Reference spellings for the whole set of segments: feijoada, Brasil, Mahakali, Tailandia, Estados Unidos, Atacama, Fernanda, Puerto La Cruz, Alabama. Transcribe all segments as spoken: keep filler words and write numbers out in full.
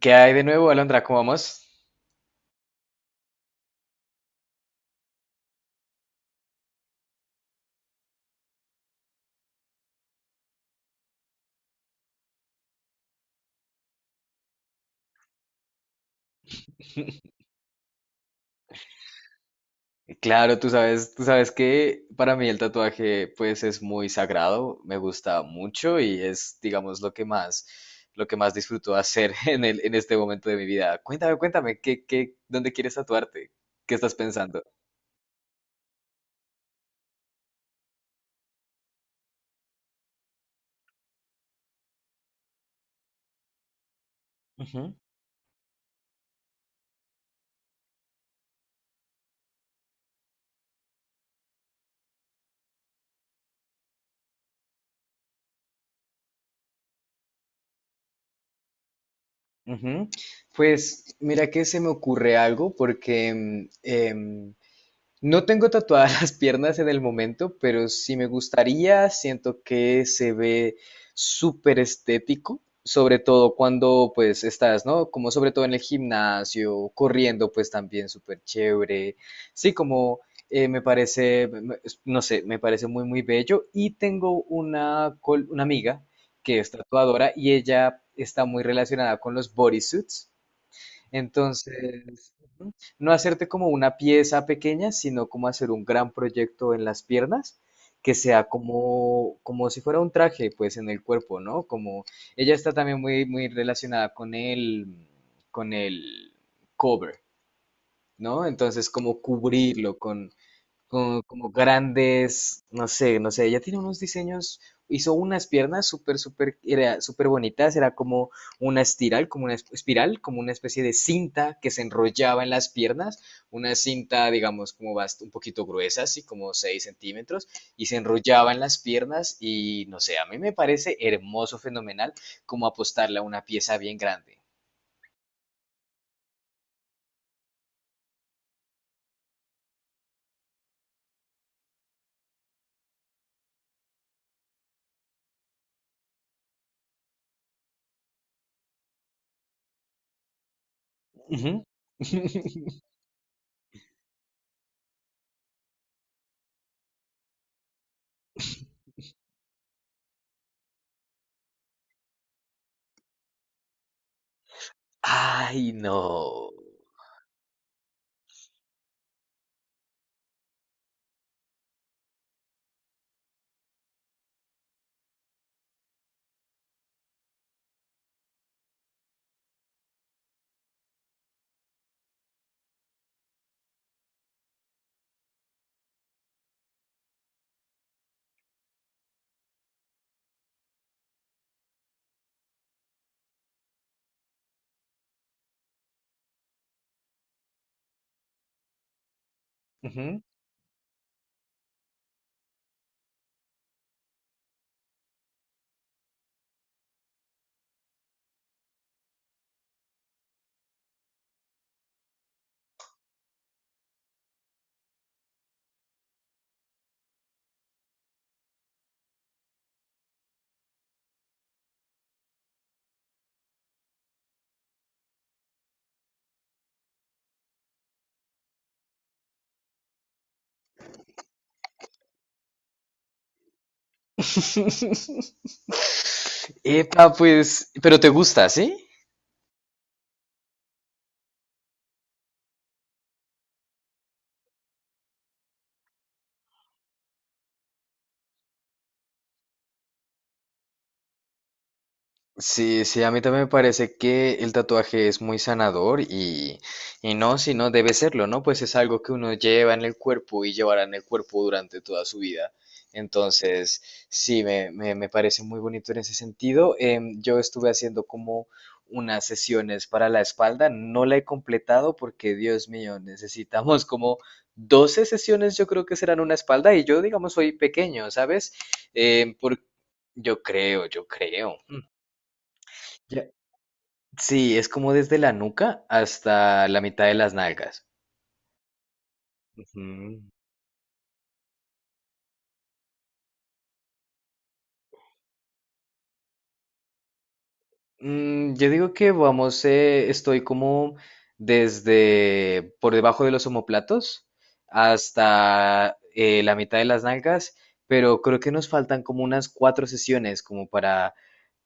¿Qué hay de nuevo, Alondra? ¿Cómo vamos? Claro, tú sabes, tú sabes que para mí el tatuaje pues es muy sagrado, me gusta mucho y es, digamos, lo que más, lo que más disfruto hacer en el, en este momento de mi vida. Cuéntame, cuéntame, ¿qué, qué, dónde quieres tatuarte? ¿Qué estás pensando? Ujú, ujú. Pues mira que se me ocurre algo porque em, No tengo tatuadas las piernas en el momento, pero si me gustaría. Siento que se ve súper estético, sobre todo cuando pues estás, ¿no? Como sobre todo en el gimnasio, corriendo pues también súper chévere. Sí, como eh, me parece, me- me- no sé, me parece muy muy bello. Y tengo una, col- una amiga que es tatuadora y ella está muy relacionada con los bodysuits. Entonces, ujú, no hacerte como una pieza pequeña, sino como hacer un gran proyecto en las piernas, que sea como, como si fuera un traje, pues en el cuerpo, ¿no? Como ella está también muy, muy relacionada con el, con el cover, ¿no? Entonces, como cubrirlo con, como, como grandes, no sé, no sé, ella tiene unos diseños, hizo unas piernas súper, súper, era súper bonitas, era como una espiral, como una esp- espiral, como una especie de cinta que se enrollaba en las piernas, una cinta, digamos, como bast- un poquito gruesa, así como seis centímetros, y se enrollaba en las piernas y, no sé, a mí me parece hermoso, fenomenal, como apostarle a una pieza bien grande. Ujú. Ay, no. Ujú. Epa, pues, pero te gusta, ¿sí? Sí, sí, a mí también me parece que el tatuaje es muy sanador y, y no, si no debe serlo, ¿no? Pues es algo que uno lleva en el cuerpo y llevará en el cuerpo durante toda su vida. Entonces, sí, me, me, me parece muy bonito en ese sentido. Em, yo estuve haciendo como unas sesiones para la espalda, no la he completado porque, Dios mío, necesitamos como doce sesiones, yo creo que serán una espalda y yo, digamos, soy pequeño, ¿sabes? Em, por, yo creo, yo creo. Ya. Sí, es como desde la nuca hasta la mitad de las nalgas. Ujú. Mm, yo digo que vamos, eh, estoy como desde por debajo de los omóplatos hasta eh, la mitad de las nalgas, pero creo que nos faltan como unas cuatro sesiones como para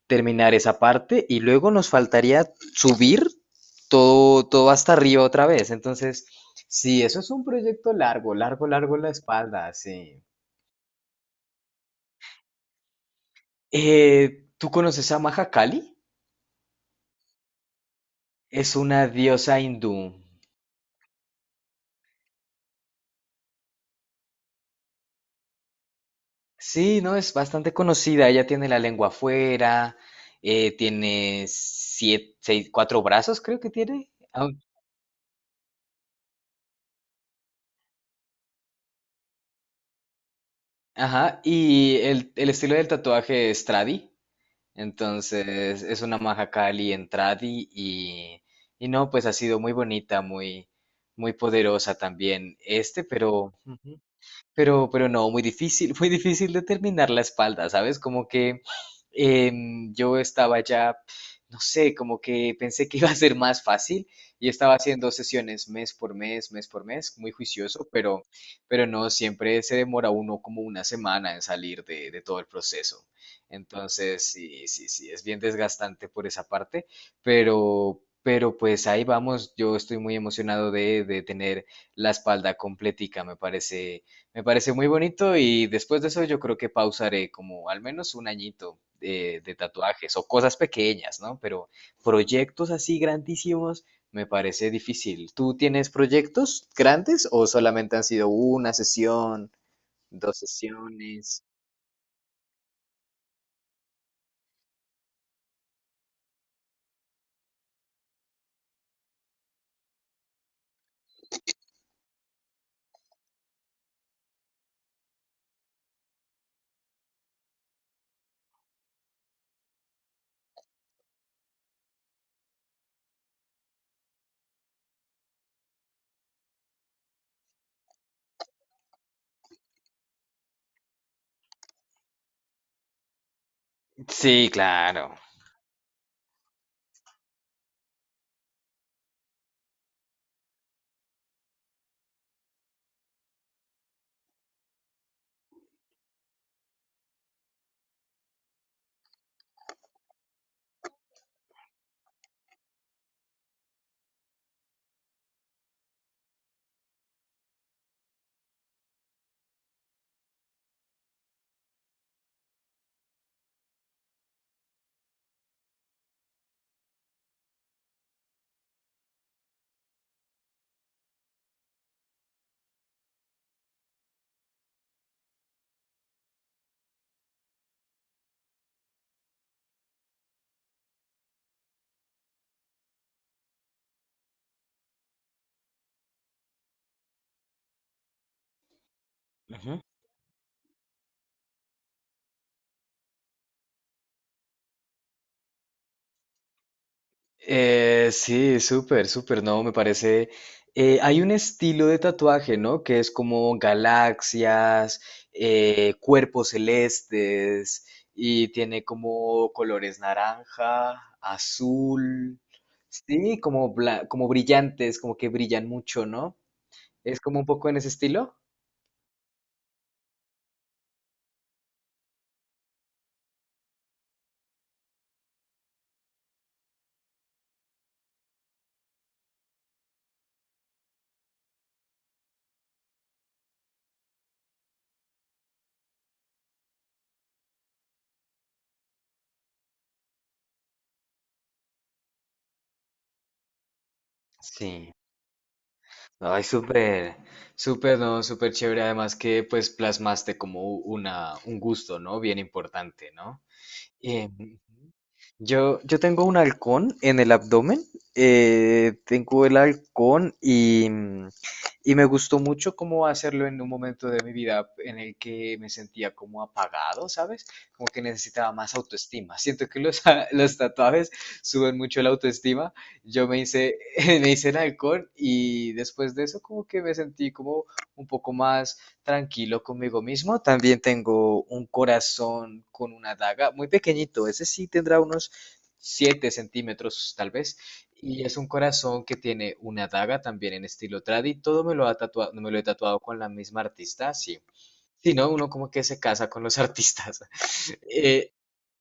terminar esa parte y luego nos faltaría subir todo, todo hasta arriba otra vez. Entonces, sí, eso es un proyecto largo, largo, largo la espalda, sí. Eh, ¿tú conoces a Mahakali? Es una diosa hindú. Sí, no, es bastante conocida. Ella tiene la lengua afuera, eh, tiene siete, seis, cuatro brazos, creo que tiene. Ah, ajá, y el, el estilo del tatuaje es tradi. Entonces, es una Mahakali en tradi y, y no, pues ha sido muy bonita, muy, muy poderosa también, este, pero. Pero, pero no, muy difícil, muy difícil determinar la espalda, ¿sabes? Como que em, yo estaba ya, no sé, como que pensé que iba a ser más fácil y estaba haciendo sesiones mes por mes, mes por mes, muy juicioso, pero, pero, no, siempre se demora uno como una semana en salir de, de todo el proceso. Entonces, sí, sí, sí, es bien desgastante por esa parte, pero, pero pues ahí vamos, yo estoy muy emocionado de, de tener la espalda completica, me parece me parece muy bonito y después de eso yo creo que pausaré como al menos un añito de, de tatuajes o cosas pequeñas, ¿no? Pero proyectos así grandísimos me parece difícil. ¿Tú tienes proyectos grandes o solamente han sido una sesión, dos sesiones? Sí, claro. Eh, sí, súper, súper, no, me parece. Eh, hay un estilo de tatuaje, ¿no? Que es como galaxias, eh, cuerpos celestes, y tiene como colores naranja, azul, sí, como, bla- como brillantes, como que brillan mucho, ¿no? Es como un poco en ese estilo. Sí, ay, súper, súper, no, súper chévere. Además que pues plasmaste como una, un gusto, ¿no? Bien importante, ¿no? Eh, yo, yo tengo un halcón en el abdomen, eh, tengo el halcón y, mm, y me gustó mucho cómo hacerlo en un momento de mi vida en el que me sentía como apagado, ¿sabes? Como que necesitaba más autoestima. Siento que los, los tatuajes suben mucho la autoestima. Yo me hice, me hice el halcón y después de eso como que me sentí como un poco más tranquilo conmigo mismo. También tengo un corazón con una daga, muy pequeñito, ese sí tendrá unos siete centímetros tal vez. Y es un corazón que tiene una daga también en estilo tradi. Todo me lo ha tatuado, me lo he tatuado con la misma artista, sí. Si no, uno como que se casa con los artistas. Eh,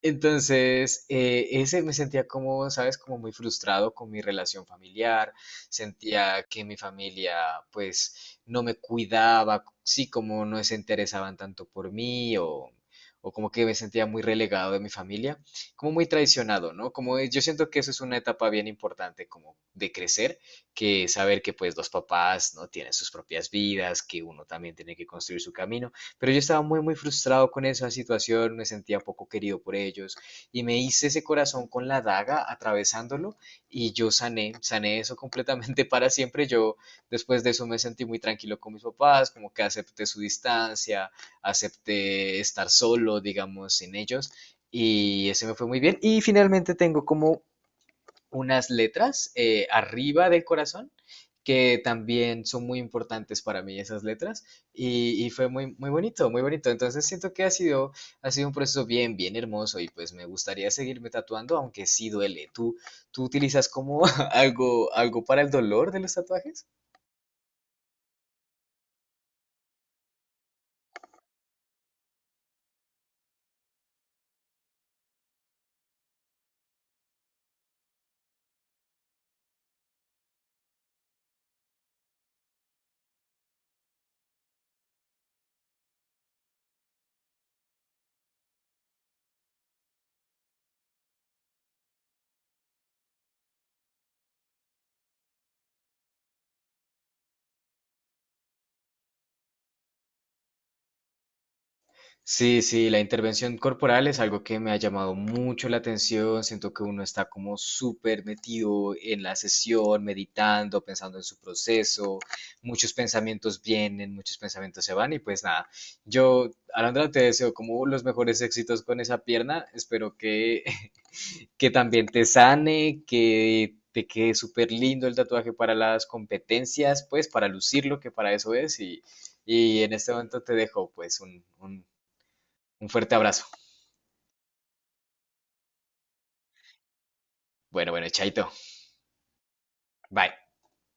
entonces, eh, ese me sentía como, ¿sabes? Como muy frustrado con mi relación familiar, sentía que mi familia pues no me cuidaba, sí, como no se interesaban tanto por mí o, o, como que me sentía muy relegado de mi familia, como muy traicionado, ¿no? Como es- yo siento que eso es una etapa bien importante como de crecer, que saber que pues los papás no tienen sus propias vidas, que uno también tiene que construir su camino pero yo estaba muy, muy frustrado con esa situación, me sentía poco querido por ellos y me hice ese corazón con la daga atravesándolo y yo sané, sané eso completamente para siempre. Yo después de eso me sentí muy tranquilo con mis papás, como que acepté su distancia, acepté estar solo, digamos, sin ellos y ese me fue muy bien. Y finalmente tengo como unas letras eh, arriba del corazón que también son muy importantes para mí esas letras y, y fue muy, muy bonito, muy bonito. Entonces siento que ha sido, ha sido un proceso bien, bien hermoso y pues me gustaría seguirme tatuando, aunque sí duele. ¿Tú, tú utilizas como algo, algo para el dolor de los tatuajes? Sí, sí, la intervención corporal es algo que me ha llamado mucho la atención. Siento que uno está como súper metido en la sesión, meditando, pensando en su proceso. Muchos pensamientos vienen, muchos pensamientos se van y pues nada. Yo, Alondra, te deseo como los mejores éxitos con esa pierna. Espero que, que también te sane, que te quede súper lindo el tatuaje para las competencias, pues para lucirlo, que para eso es. Y, y en este momento te dejo pues un, un un fuerte abrazo. Bueno, bueno, chaito. Bye.